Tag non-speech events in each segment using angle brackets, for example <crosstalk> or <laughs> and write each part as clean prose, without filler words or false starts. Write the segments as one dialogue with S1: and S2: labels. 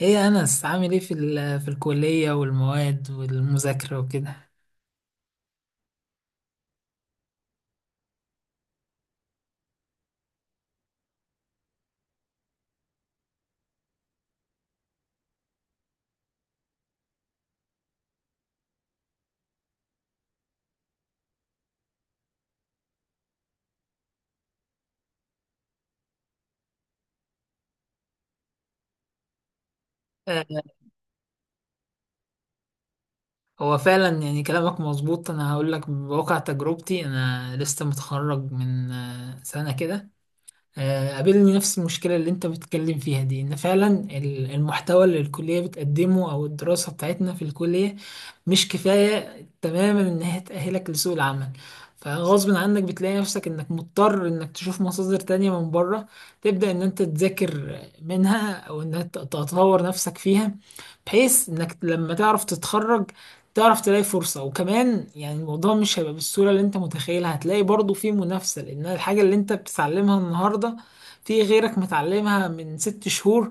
S1: ايه يا انس، عامل ايه في الكليه والمواد والمذاكره وكده؟ آه، هو فعلا يعني كلامك مظبوط. انا هقول لك بواقع تجربتي. انا لسه متخرج من سنه كده. قابلني نفس المشكلة اللي انت بتتكلم فيها دي، ان فعلا المحتوى اللي الكلية بتقدمه او الدراسة بتاعتنا في الكلية مش كفاية تماما ان هي تأهلك لسوق العمل. فغصب عنك بتلاقي نفسك انك مضطر انك تشوف مصادر تانية من بره، تبدأ ان انت تذاكر منها او انك تطور نفسك فيها، بحيث انك لما تعرف تتخرج تعرف تلاقي فرصة. وكمان يعني الموضوع مش هيبقى بالسهولة اللي انت متخيلها، هتلاقي برضو في منافسة، لان الحاجة اللي انت بتتعلمها النهاردة في غيرك متعلمها من ست شهور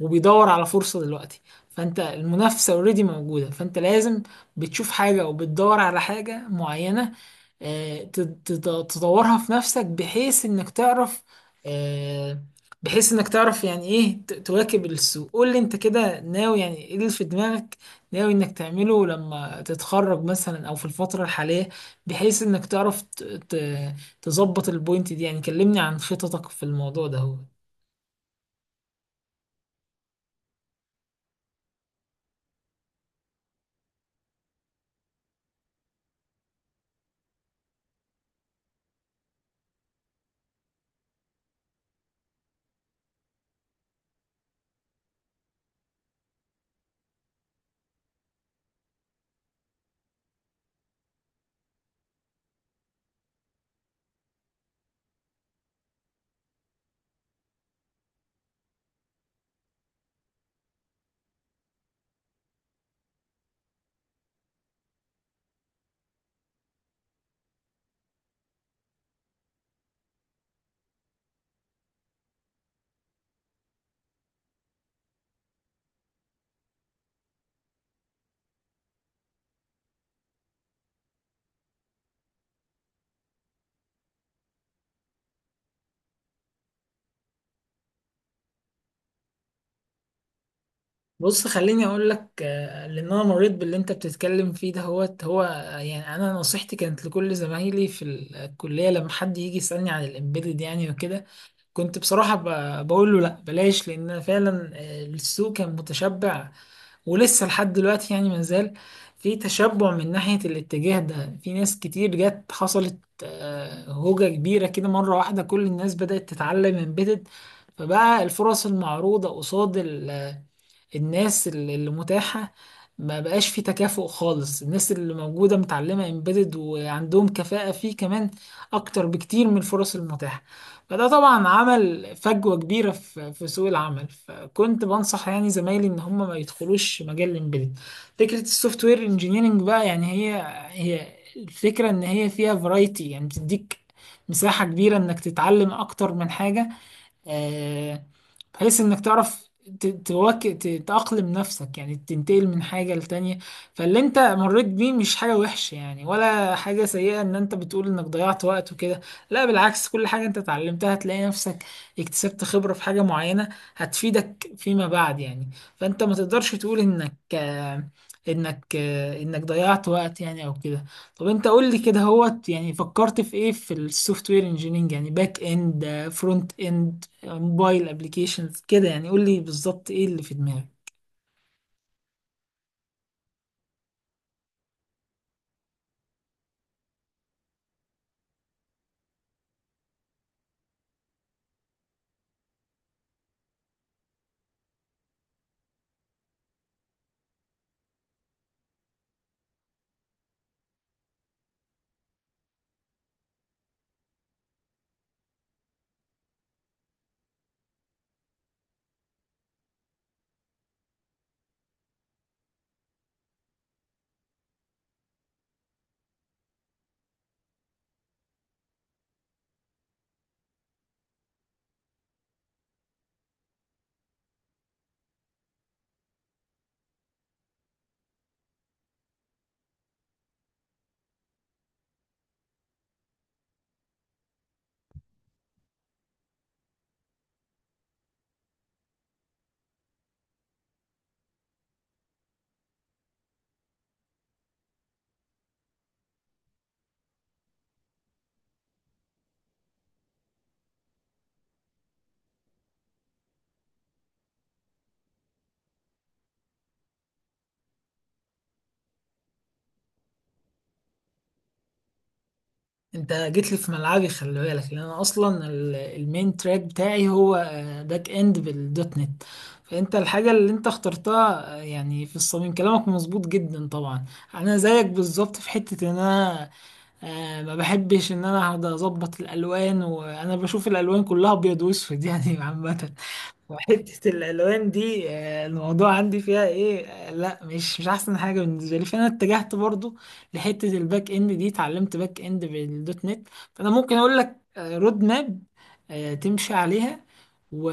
S1: وبيدور على فرصة دلوقتي. فانت المنافسة اوريدي موجودة، فانت لازم بتشوف حاجة او بتدور على حاجة معينة، تدورها في نفسك بحيث انك تعرف، آه، بحيث انك تعرف يعني ايه تواكب السوق. قول لي انت كده ناوي يعني ايه اللي في دماغك، ناوي انك تعمله لما تتخرج مثلا او في الفترة الحالية، بحيث انك تعرف تظبط البوينت دي. يعني كلمني عن خططك في الموضوع ده هو. بص خليني اقول لك، لان انا مريت باللي انت بتتكلم فيه ده. هو هو آه، يعني انا نصيحتي كانت لكل زمايلي في الكلية، لما حد يجي يسألني عن الامبيدد يعني وكده، كنت بصراحة بقول له لا، بلاش، لان فعلا السوق كان متشبع، ولسه لحد دلوقتي يعني مازال في تشبع من ناحية الاتجاه ده. في ناس كتير جت حصلت هوجة كبيرة كده مرة واحدة، كل الناس بدأت تتعلم امبيدد. فبقى الفرص المعروضة قصاد الناس اللي متاحة، ما بقاش في تكافؤ خالص. الناس اللي موجودة متعلمة امبيدد وعندهم كفاءة فيه كمان أكتر بكتير من الفرص المتاحة. فده طبعا عمل فجوة كبيرة في سوق العمل، فكنت بنصح يعني زمايلي إن هم ما يدخلوش مجال الامبيدد. فكرة السوفت وير انجينيرنج بقى، يعني هي الفكرة، إن هي فيها فرايتي، يعني بتديك مساحة كبيرة إنك تتعلم أكتر من حاجة، آه، بحيث انك تعرف تأقلم نفسك، يعني تنتقل من حاجة لتانية. فاللي انت مريت بيه مش حاجة وحشة يعني، ولا حاجة سيئة ان انت بتقول انك ضيعت وقت وكده. لا بالعكس، كل حاجة انت اتعلمتها هتلاقي نفسك اكتسبت خبرة في حاجة معينة هتفيدك فيما بعد يعني. فانت ما تقدرش تقول انك ضيعت وقت يعني او كده. طب انت قول لي كده هوت، يعني فكرت في ايه في السوفت وير انجينيرنج؟ يعني باك اند، فرونت اند، موبايل ابلكيشنز كده، يعني قول لي بالظبط ايه اللي في دماغك. انت جيت لي في ملعبي، خلي بالك، لان انا اصلا المين تراك بتاعي هو باك اند بالدوت نت. فانت الحاجه اللي انت اخترتها يعني في الصميم، كلامك مظبوط جدا طبعا. انا زيك بالظبط في حته ان انا ما بحبش ان انا اقعد اظبط الالوان، وانا بشوف الالوان كلها ابيض واسود يعني <laughs> عامه. وحتة الألوان دي الموضوع عندي فيها إيه، لا، مش أحسن حاجة بالنسبة لي. فأنا اتجهت برضو لحتة الباك إند دي، اتعلمت باك إند بالدوت نت. فأنا ممكن أقول لك رود ماب تمشي عليها و...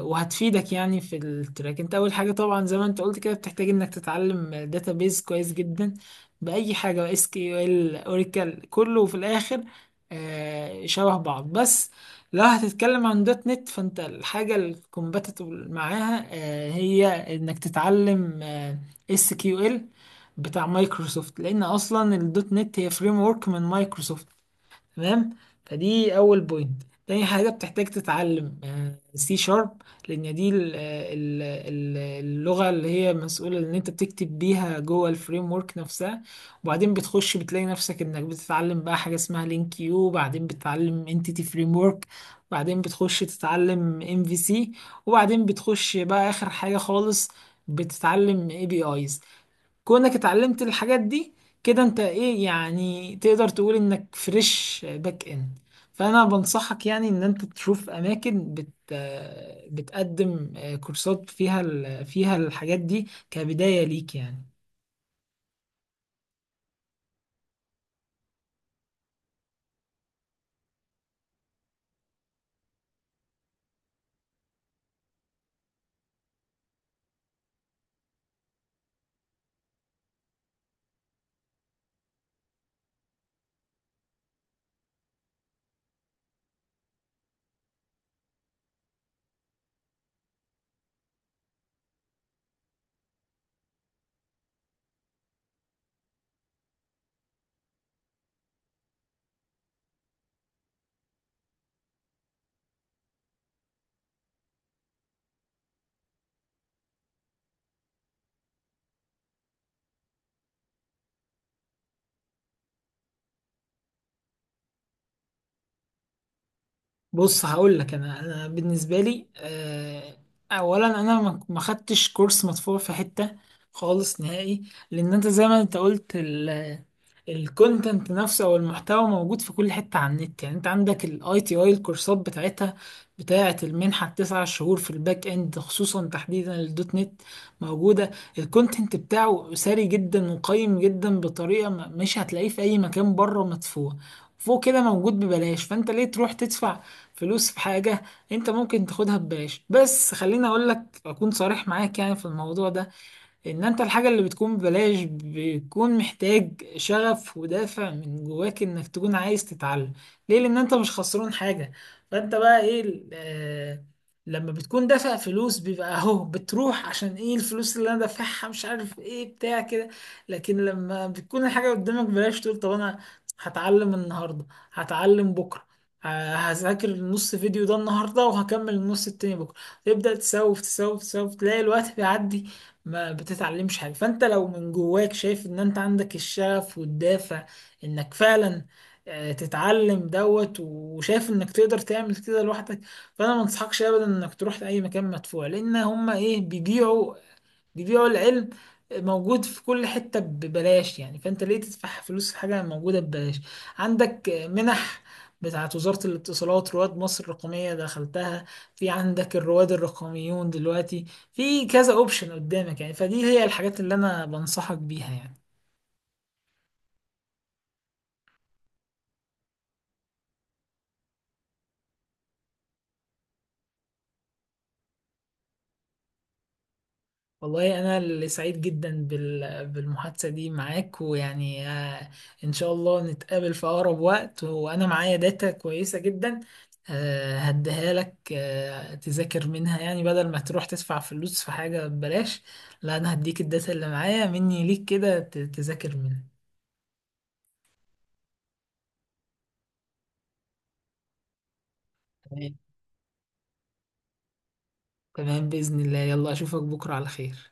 S1: وهتفيدك يعني في التراك. انت اول حاجه طبعا، زي ما انت قلت كده، بتحتاج انك تتعلم داتابيز كويس جدا. باي حاجه، اس كيو ال، اوراكل، كله في الاخر شبه بعض. بس لو هتتكلم عن دوت نت، فانت الحاجة الكومباتبل معاها هي انك تتعلم اس كيو ال بتاع مايكروسوفت، لان اصلا الدوت نت هي فريم ورك من مايكروسوفت، تمام؟ فدي اول بوينت. تاني حاجه بتحتاج تتعلم سي شارب، لان دي ال- اللغه اللي هي مسؤوله ان انت بتكتب بيها جوه الفريم ورك نفسها. وبعدين بتخش بتلاقي نفسك انك بتتعلم بقى حاجه اسمها لينك يو، وبعدين بتتعلم انتيتي فريم ورك، وبعدين بتخش تتعلم ام في سي، وبعدين بتخش بقى اخر حاجه خالص بتتعلم اي بي ايز. كونك اتعلمت الحاجات دي كده، انت ايه يعني، تقدر تقول انك فريش باك اند. فانا بنصحك يعني ان انت تشوف اماكن بتقدم كورسات فيها فيها الحاجات دي كبداية ليك يعني. بص هقول لك انا بالنسبة لي اولا، انا ما خدتش كورس مدفوع في حتة خالص نهائي. لان انت زي ما انت قلت، الكونتنت نفسه او المحتوى موجود في كل حته على النت. يعني انت عندك الاي تي اي، الكورسات بتاعتها، بتاعه المنحه التسع شهور في الباك اند خصوصا، تحديدا الدوت نت موجوده، الكونتنت بتاعه ساري جدا وقيم جدا بطريقه مش هتلاقيه في اي مكان بره مدفوع، فوق كده موجود ببلاش. فانت ليه تروح تدفع فلوس في حاجه انت ممكن تاخدها ببلاش؟ بس خليني اقول لك، اكون صريح معاك يعني في الموضوع ده، ان انت الحاجة اللي بتكون ببلاش بيكون محتاج شغف ودافع من جواك انك تكون عايز تتعلم. ليه؟ لان انت مش خسران حاجة. فانت بقى ايه لما بتكون دافع فلوس بيبقى اهو، بتروح عشان ايه الفلوس اللي انا دافعها، مش عارف ايه بتاع كده. لكن لما بتكون الحاجة قدامك ببلاش تقول طب انا هتعلم النهاردة، هتعلم بكرة، ه- هذاكر النص فيديو ده النهارده وهكمل النص التاني بكره، تبدأ تسوف تلاقي الوقت بيعدي ما بتتعلمش حاجة. فانت لو من جواك شايف ان انت عندك الشغف والدافع انك فعلا تتعلم دوت وشايف انك تقدر تعمل كده لوحدك، فانا ما انصحكش ابدا انك تروح لاي مكان مدفوع. لان هما ايه، بيبيعوا العلم موجود في كل حتة ببلاش يعني. فانت ليه تدفع فلوس في حاجة موجودة ببلاش؟ عندك منح بتاعة وزارة الاتصالات، رواد مصر الرقمية، دخلتها. في عندك الرواد الرقميون دلوقتي. في كذا اوبشن قدامك يعني، فدي هي الحاجات اللي انا بنصحك بيها يعني. والله أنا اللي سعيد جدا بالمحادثة دي معاك، ويعني إن شاء الله نتقابل في أقرب وقت. وأنا معايا داتا كويسة جدا هديها لك تذاكر منها، يعني بدل ما تروح تدفع فلوس في حاجة ببلاش، لا، أنا هديك الداتا اللي معايا مني ليك كده تذاكر منها. تمام. تمام، بإذن الله، يلا أشوفك بكرة على خير.